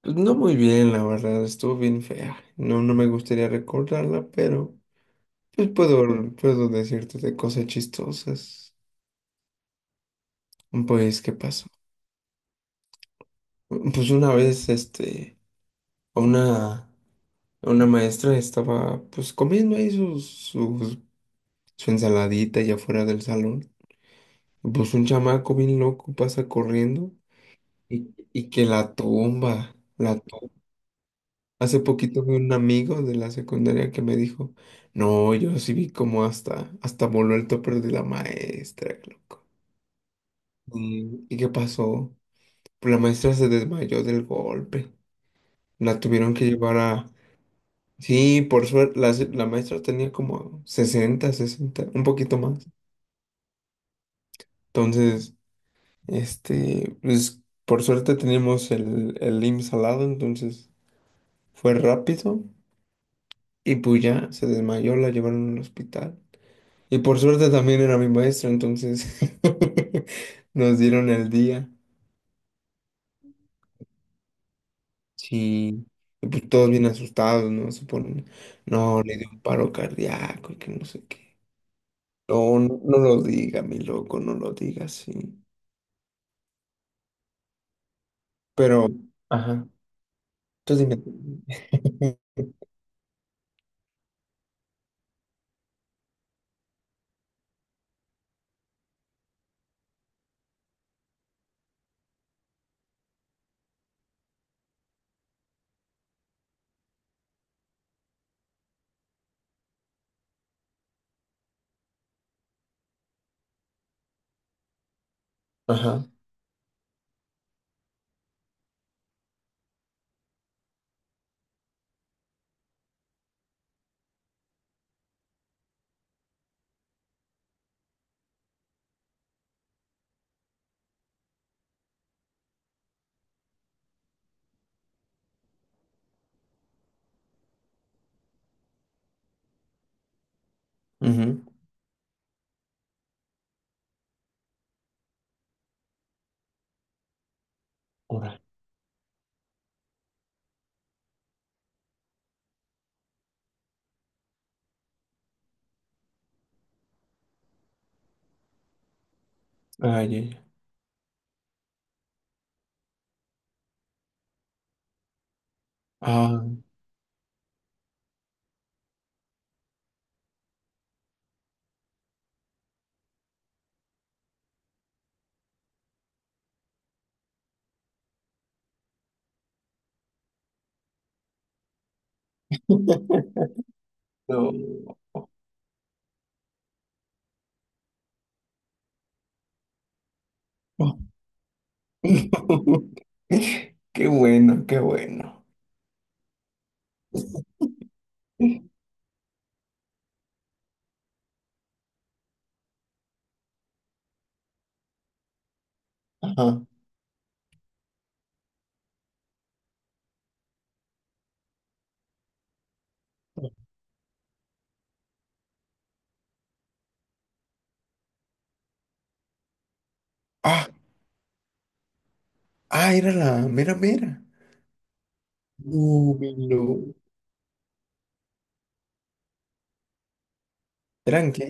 Pues no muy bien, la verdad, estuvo bien fea. No me gustaría recordarla, pero pues puedo decirte de cosas chistosas. Pues, ¿qué pasó? Pues una vez, una, una maestra estaba, pues, comiendo ahí su ensaladita allá afuera del salón. Pues un chamaco bien loco pasa corriendo y que la tumba, la. Hace poquito vi un amigo de la secundaria que me dijo, no, yo sí vi como hasta voló el topper de la maestra, loco. ¿Y qué pasó? Pues la maestra se desmayó del golpe. La tuvieron que llevar a... Sí, por suerte, la maestra tenía como sesenta, 60 un poquito más. Entonces, pues por suerte teníamos el IMSS al lado, entonces fue rápido. Y pues ya se desmayó, la llevaron al hospital. Y por suerte también era mi maestro, entonces nos dieron el día. Sí. Y pues todos bien asustados, ¿no? Se ponen, no, le dio un paro cardíaco y que no sé qué. No, no, no lo diga, mi loco, no lo diga, sí. Pero, ajá, tú dime. Ajá, ujú, ora. Ay, ay, ay. Ah, no. Qué bueno, qué bueno. Ajá. Ah. Ah, era la mera mera. No, mi no. ¿Eran qué?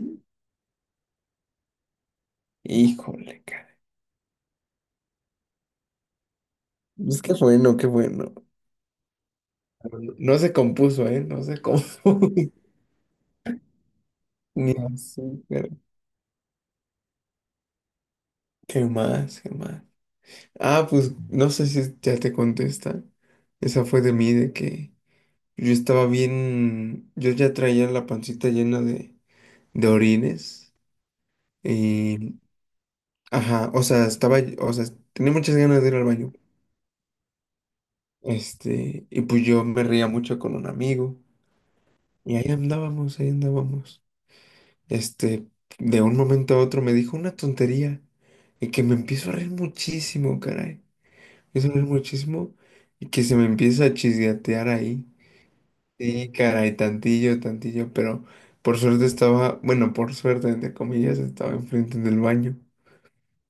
Híjole, cara. Pues qué bueno, qué bueno. No, no se compuso, ¿eh? No se compuso. Ni así, pero... ¿Qué más? ¿Qué más? Ah, pues no sé si ya te contesta. Esa fue de mí, de que yo estaba bien. Yo ya traía la pancita llena de orines. Y. Ajá, o sea, estaba. O sea, tenía muchas ganas de ir al baño. Y pues yo me reía mucho con un amigo. Y ahí andábamos, ahí andábamos. Este, de un momento a otro me dijo una tontería. Y que me empiezo a reír muchísimo, caray. Me empiezo a reír muchísimo. Y que se me empieza a chisgatear ahí. Sí, caray, tantillo, tantillo. Pero por suerte estaba, bueno, por suerte, entre comillas, estaba enfrente del baño.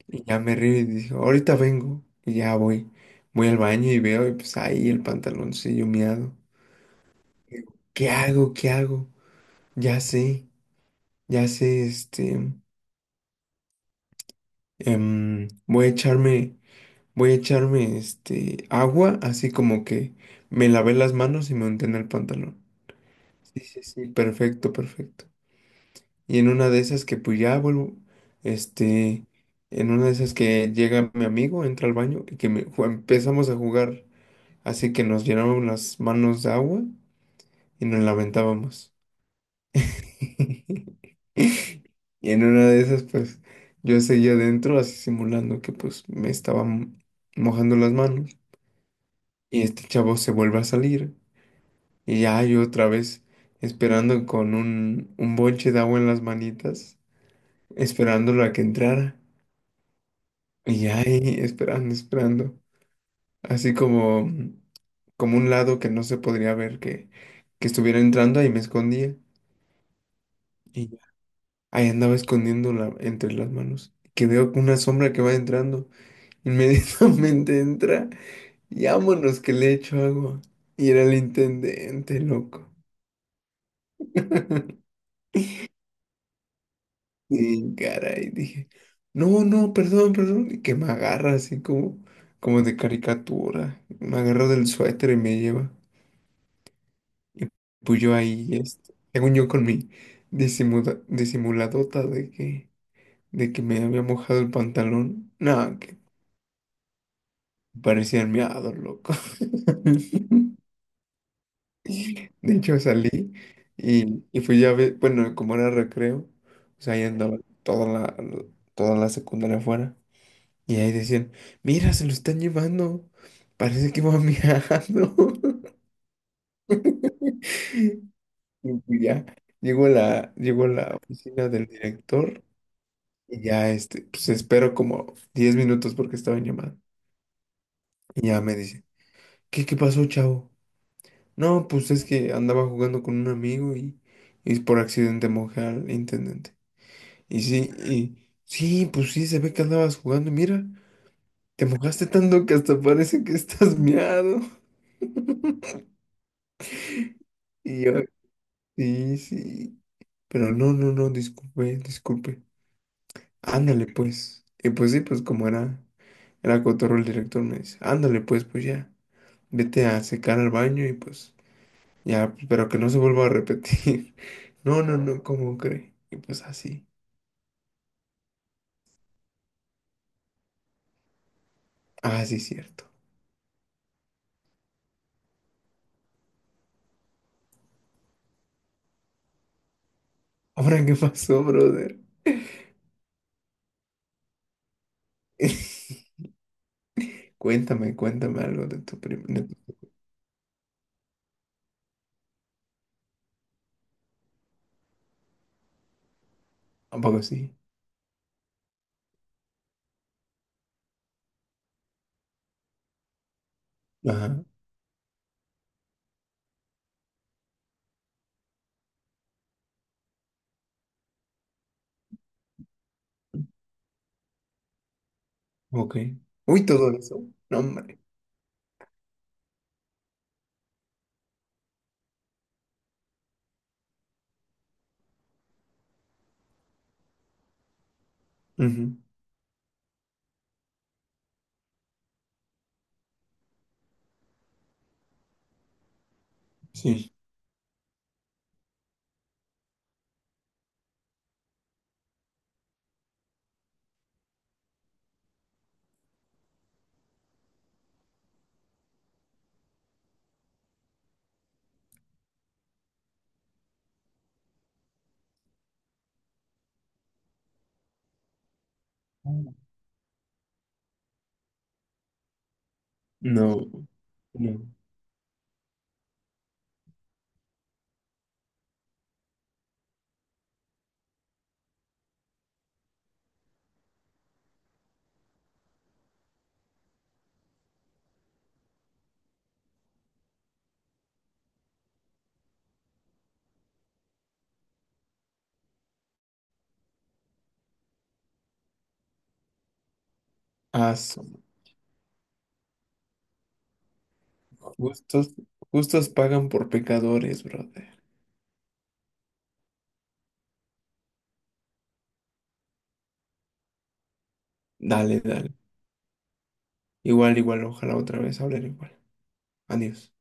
Y ya me río y dijo, ahorita vengo. Y ya voy. Voy al baño y veo, y pues ahí el pantaloncillo miado. ¿Qué hago? ¿Qué hago? Ya sé, ya sé, em, voy a echarme, voy a echarme, agua, así como que me lavé las manos y me unté en el pantalón. Sí, sí, sí, perfecto, perfecto. Y en una de esas que pues ya vuelvo, este, en una de esas que llega mi amigo, entra al baño y empezamos a jugar, así que nos llenamos las manos de agua y nos lamentábamos. Y en una de esas, pues, yo seguía adentro así simulando que pues mojando las manos. Y este chavo se vuelve a salir. Y ya yo otra vez esperando con un bonche de agua en las manitas, esperándolo a que entrara. Y ya ahí esperando. Así como, como un lado que no se podría ver que estuviera entrando, ahí me escondía. Y ya, ahí andaba escondiéndola entre las manos. Que veo una sombra que va entrando. Inmediatamente entra y vámonos que le echo agua. Y era el intendente, loco. Y caray, dije, no, no, perdón, perdón. Y que me agarra así como, como de caricatura. Me agarra del suéter y me lleva. Y pues yo ahí, según yo con mi disimuladota de que me había mojado el pantalón. Nada, que parecía el miado, loco. De hecho, salí y fui ya ver, bueno, como era recreo, o sea, ahí andaba toda la, toda la secundaria afuera. Y ahí decían, mira, se lo están llevando, parece que va viajando. Y pues ya, llego a la oficina del director y ya, pues espero como 10 minutos porque estaba en llamada. Y ya me dice, ¿qué pasó, chavo? No, pues es que andaba jugando con un amigo y por accidente mojé al intendente. Y sí, pues sí, se ve que andabas jugando. Mira, te mojaste tanto que hasta parece que estás miado. Y yo, sí, sí. Pero no, disculpe, disculpe. Ándale, pues. Y pues sí, era cotorro el director, me dice, ándale, pues, pues ya, vete a secar al baño y pues ya, pero que no se vuelva a repetir. No, no, no, ¿cómo cree? Y pues así. Ah, sí, cierto. Ahora, ¿qué pasó, brother? Cuéntame, cuéntame algo de tu primo. Un poco sí. Ajá, ok. Uy, todo eso. No, hombre. Ujú, sí. No, no. Ah, son justos, justos pagan por pecadores, brother. Dale, dale. Igual, igual, ojalá otra vez hablar igual. Adiós.